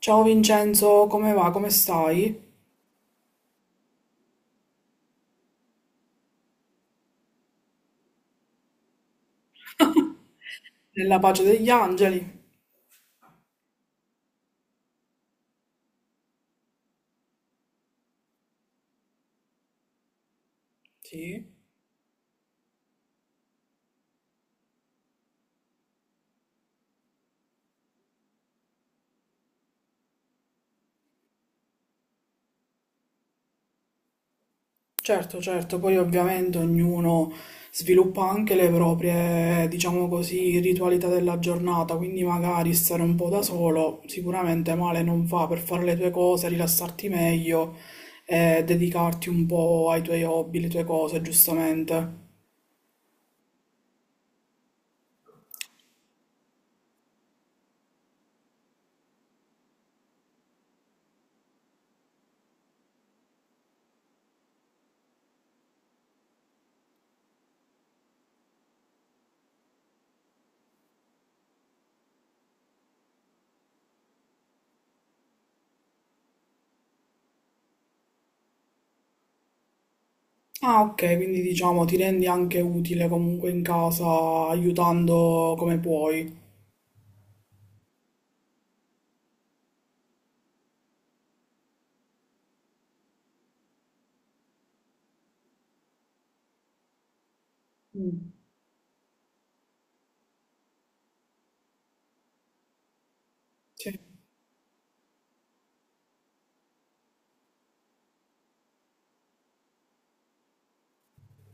Ciao Vincenzo, come va? Come stai? Nella pace degli angeli? Sì, certo, certo, poi ovviamente ognuno sviluppa anche le proprie, diciamo così, ritualità della giornata, quindi magari stare un po' da solo sicuramente male non fa per fare le tue cose, rilassarti meglio e dedicarti un po' ai tuoi hobby, le tue cose, giustamente. Ah, ok, quindi diciamo ti rendi anche utile comunque in casa aiutando come puoi. Mm. Sì.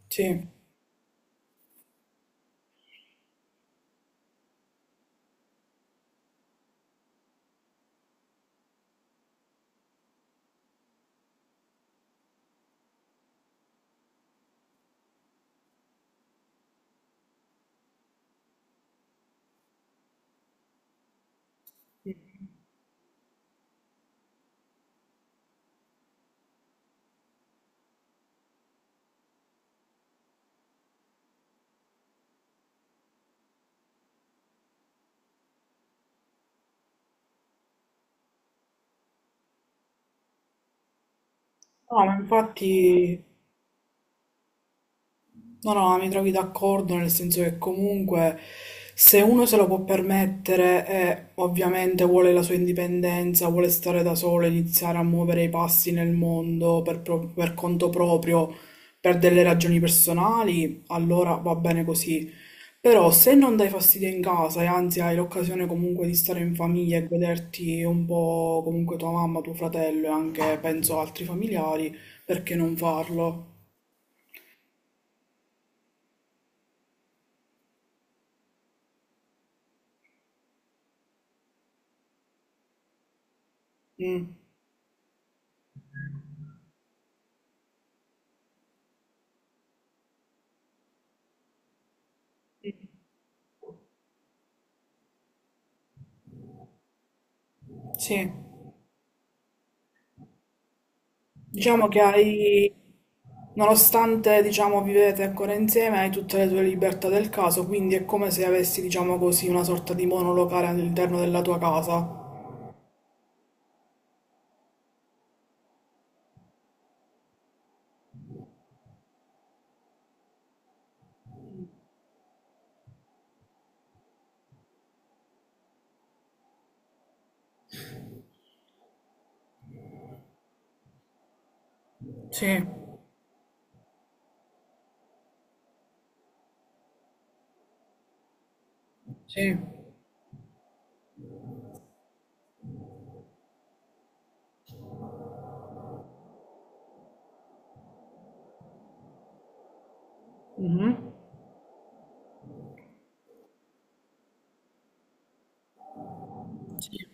Sì, no, ma infatti, no, no, mi trovi d'accordo nel senso che comunque se uno se lo può permettere e ovviamente vuole la sua indipendenza, vuole stare da solo, iniziare a muovere i passi nel mondo per, per conto proprio, per delle ragioni personali, allora va bene così. Però se non dai fastidio in casa e anzi hai l'occasione comunque di stare in famiglia e goderti un po' comunque tua mamma, tuo fratello e anche penso altri familiari, perché non farlo? Mm, sì, diciamo che hai, nonostante diciamo vivete ancora insieme, hai tutte le tue libertà del caso, quindi è come se avessi diciamo così una sorta di monolocale all'interno della tua casa. Sì, sì. Mhm. Sì.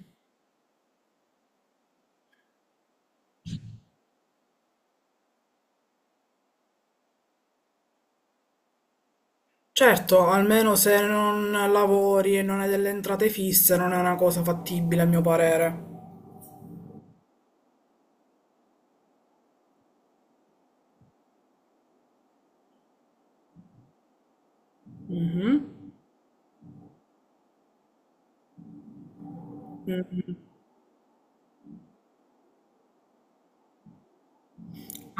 Certo, almeno se non lavori e non hai delle entrate fisse non è una cosa fattibile a mio parere. Mhm. Mm.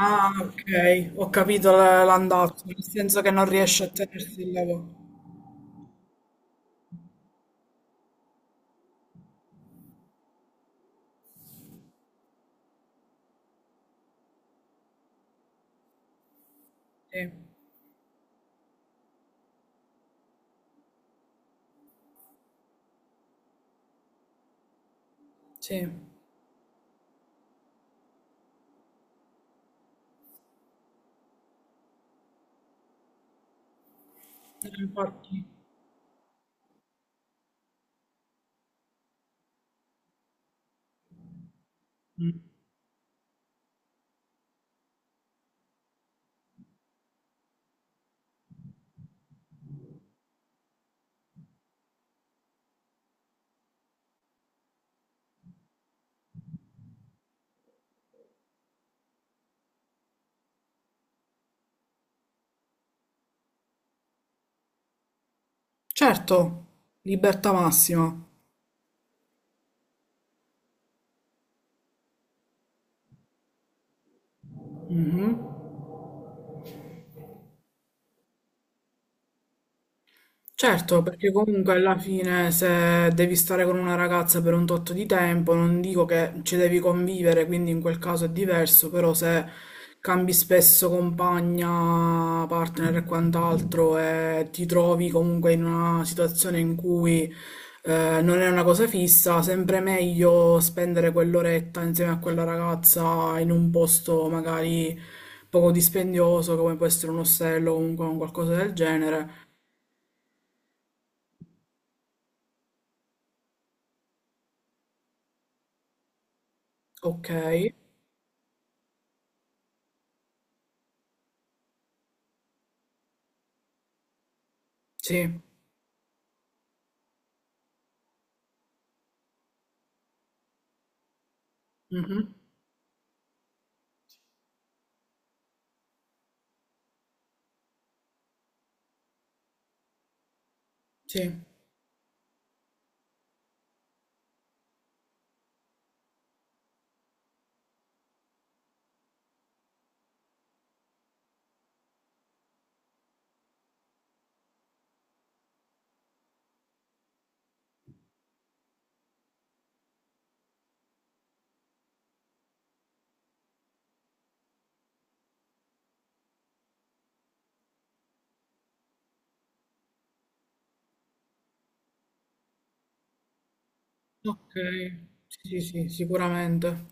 Ah, ok, ho capito l'andazzo, nel senso che non riesci a tenersi il lavoro. Sì, sì. Infatti. Mm. Certo, libertà massima. Mhm. Certo, perché comunque alla fine se devi stare con una ragazza per un tot di tempo, non dico che ci devi convivere, quindi in quel caso è diverso, però se cambi spesso compagna, partner e quant'altro e ti trovi comunque in una situazione in cui non è una cosa fissa, sempre meglio spendere quell'oretta insieme a quella ragazza in un posto magari poco dispendioso, come può essere un ostello o comunque un qualcosa del genere. Ok. Sì, mh-mh, sì, okay, sì, sì, sì, sicuramente,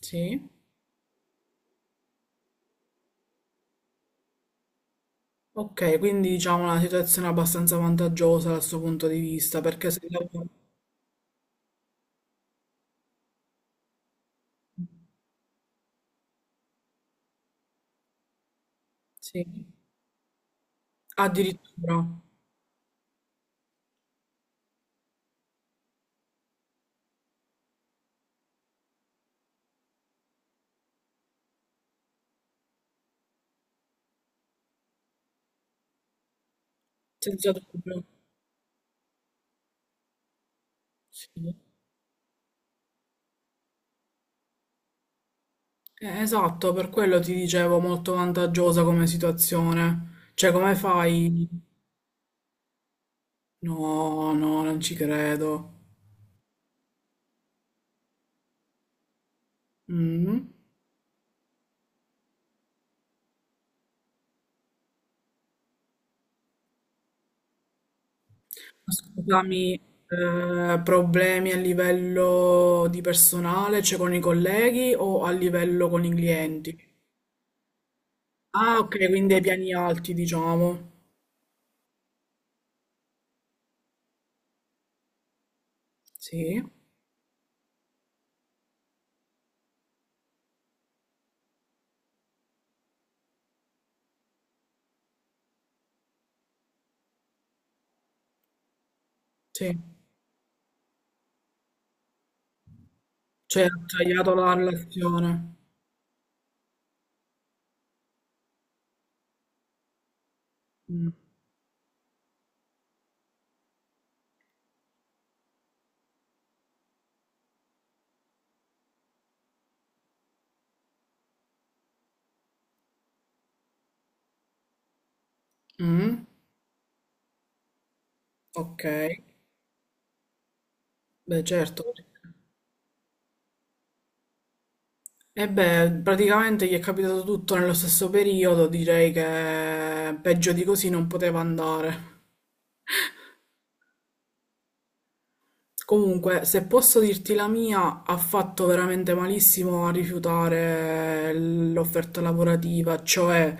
sì. Okay, quindi diciamo una situazione abbastanza vantaggiosa dal suo punto di vista, perché se lav sì, addirittura, senza dubbio, sì. Esatto, per quello ti dicevo molto vantaggiosa come situazione, cioè come fai no, no, non ci credo. Mh. Scusami, problemi a livello di personale, cioè con i colleghi o a livello con i clienti? Ah, ok, quindi ai piani alti, diciamo. Sì, sì. Cioè, ha tagliato la relazione. Mm. Mm. Ok, beh, certo. E beh, praticamente gli è capitato tutto nello stesso periodo, direi che peggio di così non poteva andare. Comunque, se posso dirti la mia, ha fatto veramente malissimo a rifiutare l'offerta lavorativa, cioè,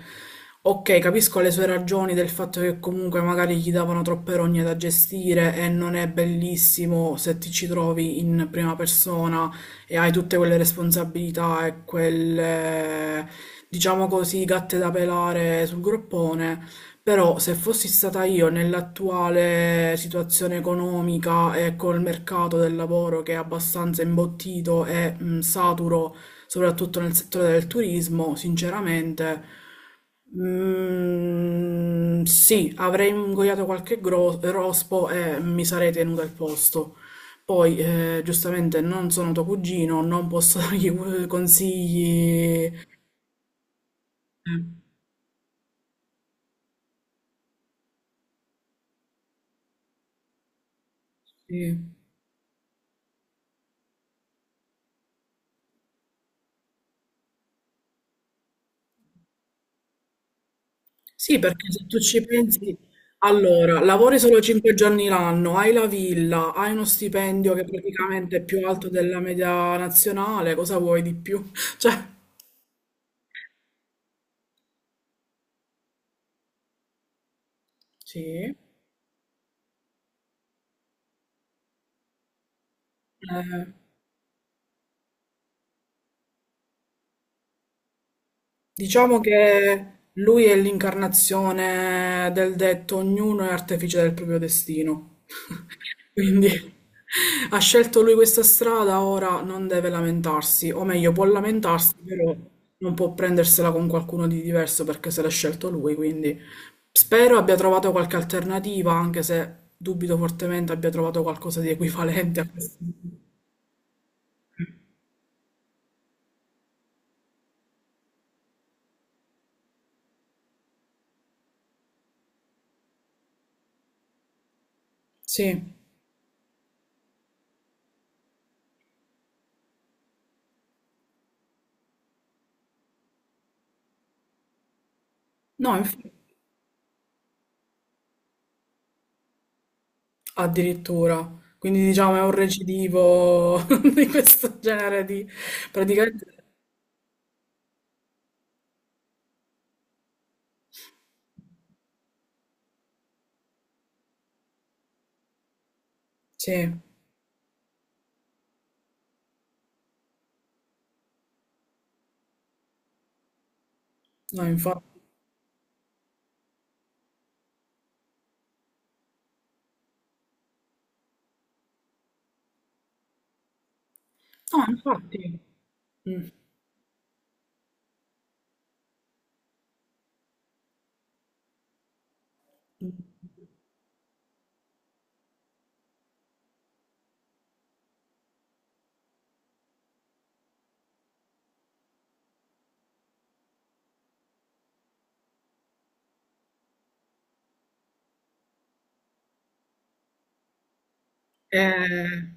ok, capisco le sue ragioni del fatto che comunque magari gli davano troppe rogne da gestire e non è bellissimo se ti ci trovi in prima persona e hai tutte quelle responsabilità e quelle, diciamo così, gatte da pelare sul groppone. Però se fossi stata io nell'attuale situazione economica e col mercato del lavoro che è abbastanza imbottito e saturo, soprattutto nel settore del turismo, sinceramente, sì, avrei ingoiato qualche rospo e mi sarei tenuta il posto. Poi, giustamente, non sono tuo cugino, non posso dargli consigli. Sì. Sì, perché se tu ci pensi, allora, lavori solo 5 giorni l'anno, hai la villa, hai uno stipendio che praticamente è più alto della media nazionale, cosa vuoi di più? Cioè, sì, diciamo che lui è l'incarnazione del detto ognuno è artefice del proprio destino. Quindi ha scelto lui questa strada, ora non deve lamentarsi, o meglio, può lamentarsi, però non può prendersela con qualcuno di diverso perché se l'ha scelto lui, quindi spero abbia trovato qualche alternativa, anche se dubito fortemente abbia trovato qualcosa di equivalente a questo. Sì, no, inf- addirittura. Quindi diciamo è un recidivo di questo genere di praticamente sì, no, infatti. No, infatti. Mm. Eh,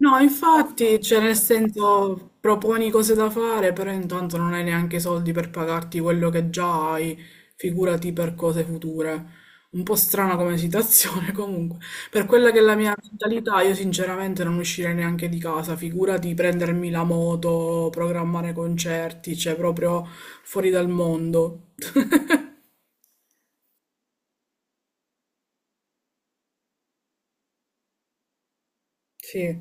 no, infatti, cioè, nel senso, proponi cose da fare, però intanto non hai neanche i soldi per pagarti quello che già hai, figurati per cose future. Un po' strana come situazione, comunque. Per quella che è la mia mentalità, io sinceramente non uscirei neanche di casa, figurati prendermi la moto, programmare concerti, cioè proprio fuori dal mondo. Sì.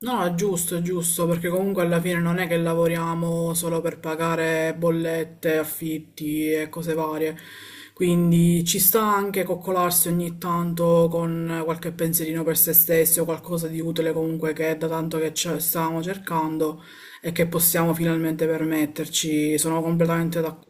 No, è giusto, perché comunque alla fine non è che lavoriamo solo per pagare bollette, affitti e cose varie. Quindi ci sta anche coccolarsi ogni tanto con qualche pensierino per se stessi o qualcosa di utile comunque che è da tanto che ce- stavamo cercando e che possiamo finalmente permetterci. Sono completamente d'accordo.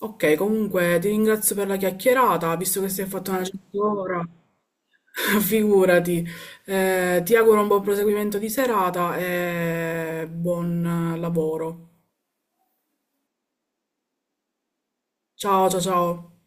Ok, comunque ti ringrazio per la chiacchierata, visto che si è fatta una certa ora, figurati. Ti auguro un buon proseguimento di serata e buon lavoro. Ciao, ciao, ciao.